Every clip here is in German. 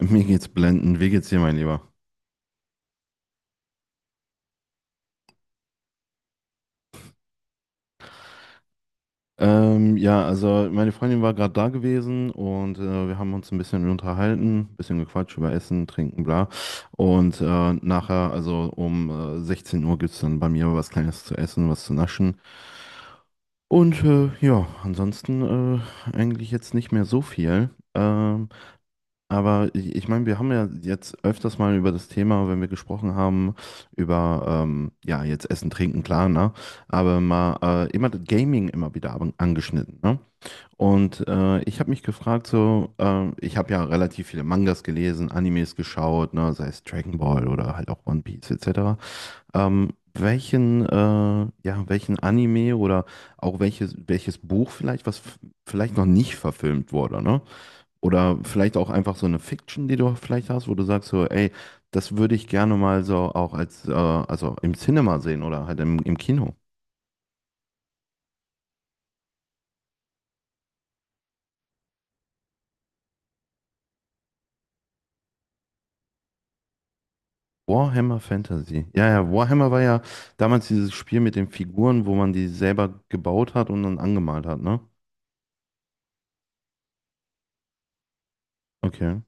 Mir geht's blendend. Wie geht's dir, mein Lieber? Ja, also meine Freundin war gerade da gewesen und wir haben uns ein bisschen unterhalten, bisschen gequatscht über Essen, Trinken, bla. Und nachher, also um 16 Uhr gibt's dann bei mir was Kleines zu essen, was zu naschen. Und ja, ansonsten eigentlich jetzt nicht mehr so viel. Ähm, Aber ich meine, wir haben ja jetzt öfters mal über das Thema, wenn wir gesprochen haben, über, ja, jetzt Essen, Trinken, klar, ne? Aber mal immer das Gaming immer wieder angeschnitten, ne? Und ich habe mich gefragt, so, ich habe ja relativ viele Mangas gelesen, Animes geschaut, ne? Sei es Dragon Ball oder halt auch One Piece etc. Welchen Anime oder auch welches Buch vielleicht, vielleicht noch nicht verfilmt wurde, ne? Oder vielleicht auch einfach so eine Fiction, die du vielleicht hast, wo du sagst so, ey, das würde ich gerne mal so auch als, also im Cinema sehen oder halt im Kino. Warhammer Fantasy. Ja, ja, Warhammer war ja damals dieses Spiel mit den Figuren, wo man die selber gebaut hat und dann angemalt hat, ne? Okay,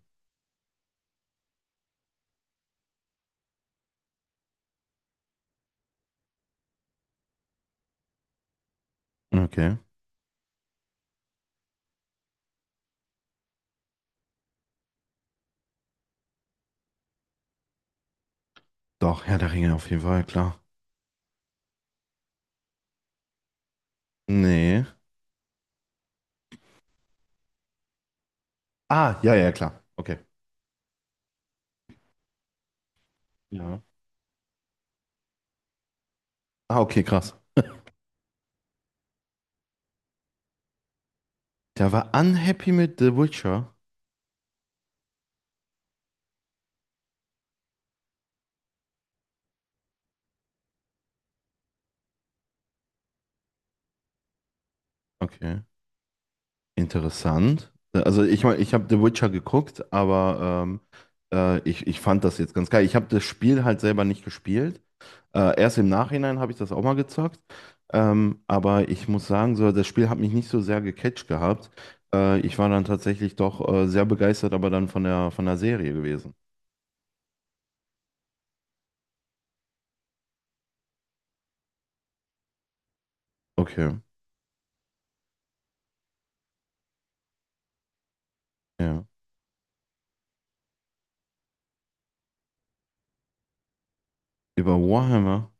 okay. Doch, Herr der Ringe auf jeden Fall, klar. Nee. Ah, ja, ja, klar. Okay. Ja. Ah, okay, krass. Der war unhappy mit The Witcher. Okay. Interessant. Also ich meine, ich habe The Witcher geguckt, aber ich fand das jetzt ganz geil. Ich habe das Spiel halt selber nicht gespielt. Erst im Nachhinein habe ich das auch mal gezockt. Aber ich muss sagen, so, das Spiel hat mich nicht so sehr gecatcht gehabt. Ich war dann tatsächlich doch sehr begeistert, aber dann von der Serie gewesen. Okay. Ja. Über Warhammer.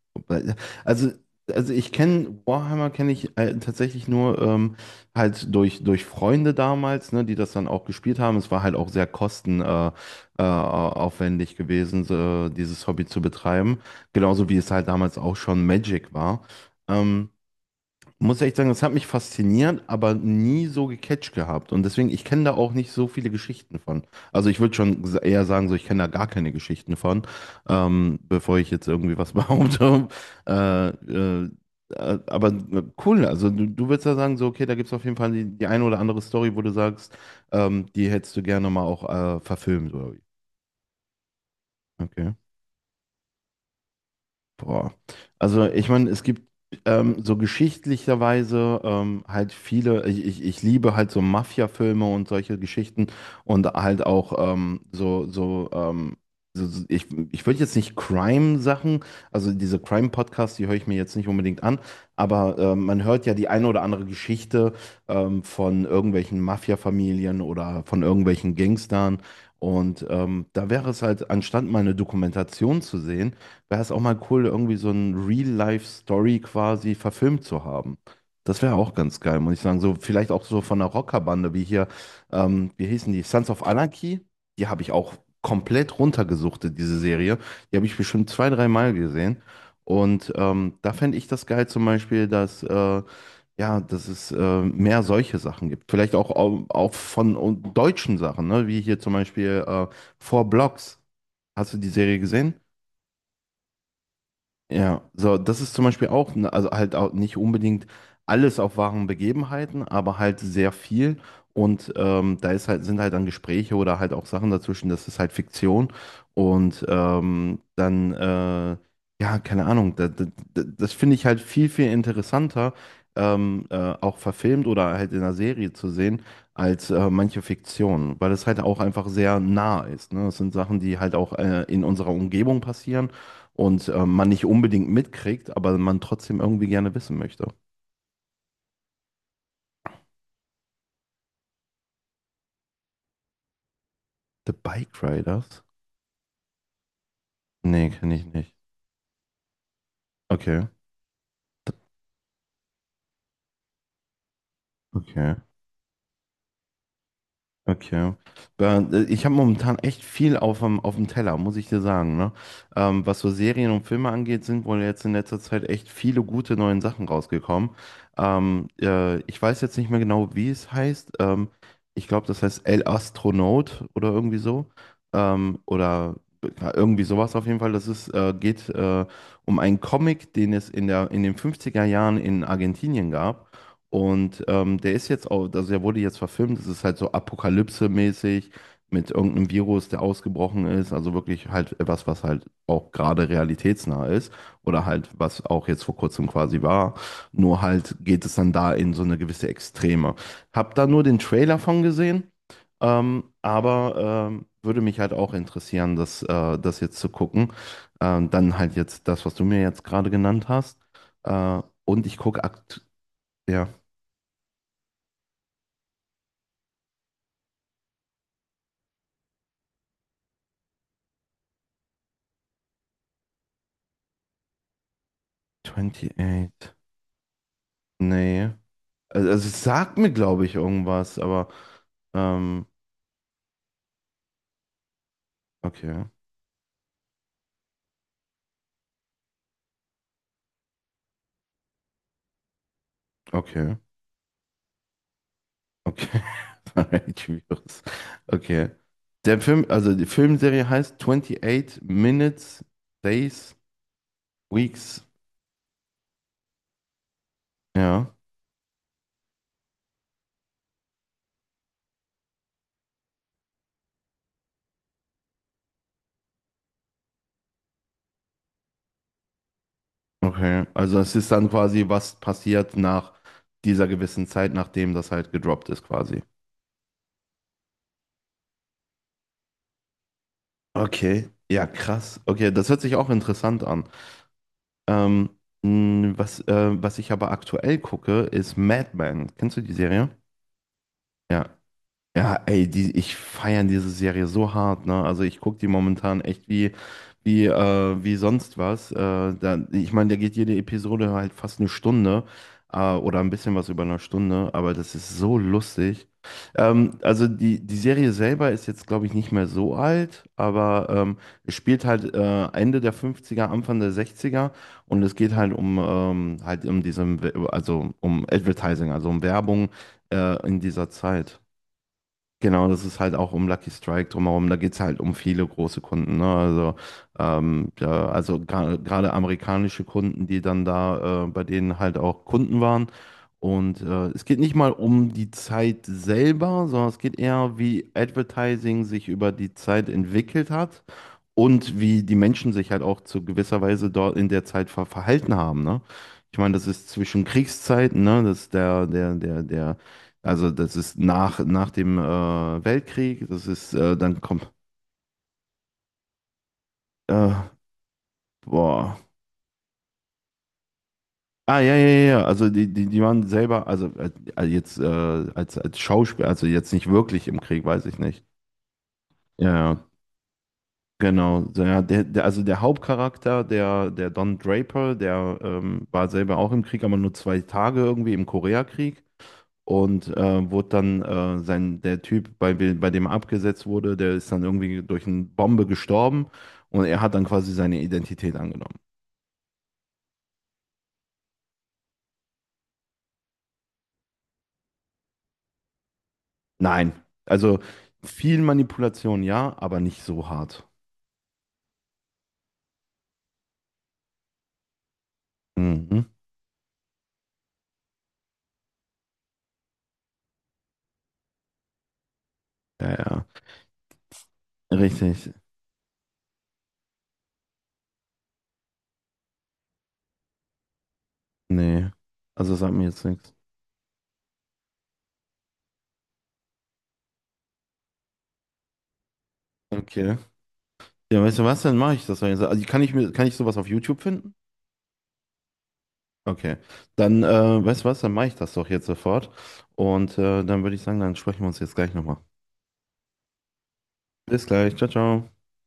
Also, also ich kenne Warhammer kenne ich tatsächlich nur halt durch Freunde damals, ne, die das dann auch gespielt haben. Es war halt auch sehr kosten aufwendig gewesen, so, dieses Hobby zu betreiben. Genauso wie es halt damals auch schon Magic war. Ähm, Muss echt sagen, das hat mich fasziniert, aber nie so gecatcht gehabt. Und deswegen, ich kenne da auch nicht so viele Geschichten von. Also ich würde schon eher sagen, so ich kenne da gar keine Geschichten von, bevor ich jetzt irgendwie was behaupte. Äh, äh, cool, also du würdest ja sagen, so, okay, da gibt es auf jeden Fall die eine oder andere Story, wo du sagst, die hättest du gerne mal auch verfilmt, oder wie? Okay. Boah. Also ich meine, es gibt so geschichtlicherweise halt viele, ich liebe halt so Mafia-Filme und solche Geschichten und halt auch so, so ich, ich würde jetzt nicht Crime-Sachen, also diese Crime-Podcasts, die höre ich mir jetzt nicht unbedingt an, aber man hört ja die eine oder andere Geschichte von irgendwelchen Mafia-Familien oder von irgendwelchen Gangstern und da wäre es halt, anstatt mal eine Dokumentation zu sehen, wäre es auch mal cool, irgendwie so ein Real-Life-Story quasi verfilmt zu haben. Das wäre auch ganz geil, muss ich sagen. So, vielleicht auch so von einer Rockerbande wie hier, wie hießen die? Sons of Anarchy. Die habe ich auch komplett runtergesuchtet, diese Serie. Die habe ich bestimmt zwei, dreimal gesehen. Und da fände ich das geil zum Beispiel, dass es mehr solche Sachen gibt. Vielleicht auch, auch von deutschen Sachen, ne? Wie hier zum Beispiel Four Blocks. Hast du die Serie gesehen? Ja, so, das ist zum Beispiel auch, ne, also halt auch nicht unbedingt alles auf wahren Begebenheiten, aber halt sehr viel. Und sind halt dann Gespräche oder halt auch Sachen dazwischen, das ist halt Fiktion. Und ja, keine Ahnung, das finde ich halt viel, viel interessanter, ähm, äh, auch verfilmt oder halt in einer Serie zu sehen, als manche Fiktion, weil es halt auch einfach sehr nah ist. Ne? Das sind Sachen, die halt auch in unserer Umgebung passieren und man nicht unbedingt mitkriegt, aber man trotzdem irgendwie gerne wissen möchte. The Bike Riders? Nee, kenne ich nicht. Okay, okay. Okay. Ben, ich habe momentan echt viel auf dem Teller, muss ich dir sagen, ne? Was so Serien und Filme angeht, sind wohl jetzt in letzter Zeit echt viele gute neuen Sachen rausgekommen. Ich weiß jetzt nicht mehr genau, wie es heißt. Ich glaube, das heißt El Astronaut oder irgendwie so. Oder ja, irgendwie sowas auf jeden Fall. Das geht um einen Comic, den es in den 50er Jahren in Argentinien gab. Und der ist jetzt auch, also der wurde jetzt verfilmt, es ist halt so Apokalypse-mäßig mit irgendeinem Virus, der ausgebrochen ist, also wirklich halt etwas, was halt auch gerade realitätsnah ist oder halt was auch jetzt vor kurzem quasi war, nur halt geht es dann da in so eine gewisse Extreme. Hab da nur den Trailer von gesehen, aber würde mich halt auch interessieren, das jetzt zu gucken. Dann halt jetzt das, was du mir jetzt gerade genannt hast. Und ich gucke akt ja. 28. Nee. Also es sagt mir, glaube ich, irgendwas, aber ähm, okay, okay, okay. Alright, schwierig. Okay. Der Film, also die Filmserie heißt 28 Minutes, Days, Weeks. Ja, okay. Also es ist dann quasi, was passiert nach dieser gewissen Zeit, nachdem das halt gedroppt ist, quasi. Okay. Ja, krass. Okay, das hört sich auch interessant an. Ähm, was ich aber aktuell gucke, ist Mad Men. Kennst du die Serie? Ja. Ja, ey, ich feiere diese Serie so hart, ne? Also ich gucke die momentan echt wie sonst was. Ich meine, da geht jede Episode halt fast eine Stunde, oder ein bisschen was über eine Stunde, aber das ist so lustig. Also die Serie selber ist jetzt, glaube ich, nicht mehr so alt, aber es spielt halt Ende der fünfziger Anfang der sechziger und es geht halt um also um Advertising, also um Werbung in dieser Zeit. Genau, das ist halt auch um Lucky Strike drumherum. Da geht's halt um viele große Kunden. Ne? Also, ja, also gerade amerikanische Kunden, die dann da bei denen halt auch Kunden waren. Und es geht nicht mal um die Zeit selber, sondern es geht eher, wie Advertising sich über die Zeit entwickelt hat und wie die Menschen sich halt auch zu gewisser Weise dort in der Zeit verhalten haben. Ne? Ich meine, das ist zwischen Kriegszeiten, ne? Das ist der, der, der, der also das ist nach dem Weltkrieg, das ist dann kommt äh, boah. Ah, ja, ja, ja, ja, also die waren selber, also jetzt als Schauspieler, also jetzt nicht wirklich im Krieg, weiß ich nicht. Ja, ja, genau. So, ja, also der Hauptcharakter, der Don Draper, der war selber auch im Krieg, aber nur 2 Tage irgendwie im Koreakrieg. Und der Typ, bei dem er abgesetzt wurde, der ist dann irgendwie durch eine Bombe gestorben und er hat dann quasi seine Identität angenommen. Nein, also viel Manipulation, ja, aber nicht so hart. Mhm. Ja, ja, richtig. Nee, also sagt mir jetzt nichts. Okay. Ja, weißt du was, dann mache ich das doch jetzt. Also kann ich sowas auf YouTube finden? Okay. Dann, weißt du was, dann mache ich das doch jetzt sofort. Und dann würde ich sagen, dann sprechen wir uns jetzt gleich nochmal. Bis gleich. Ciao, ciao.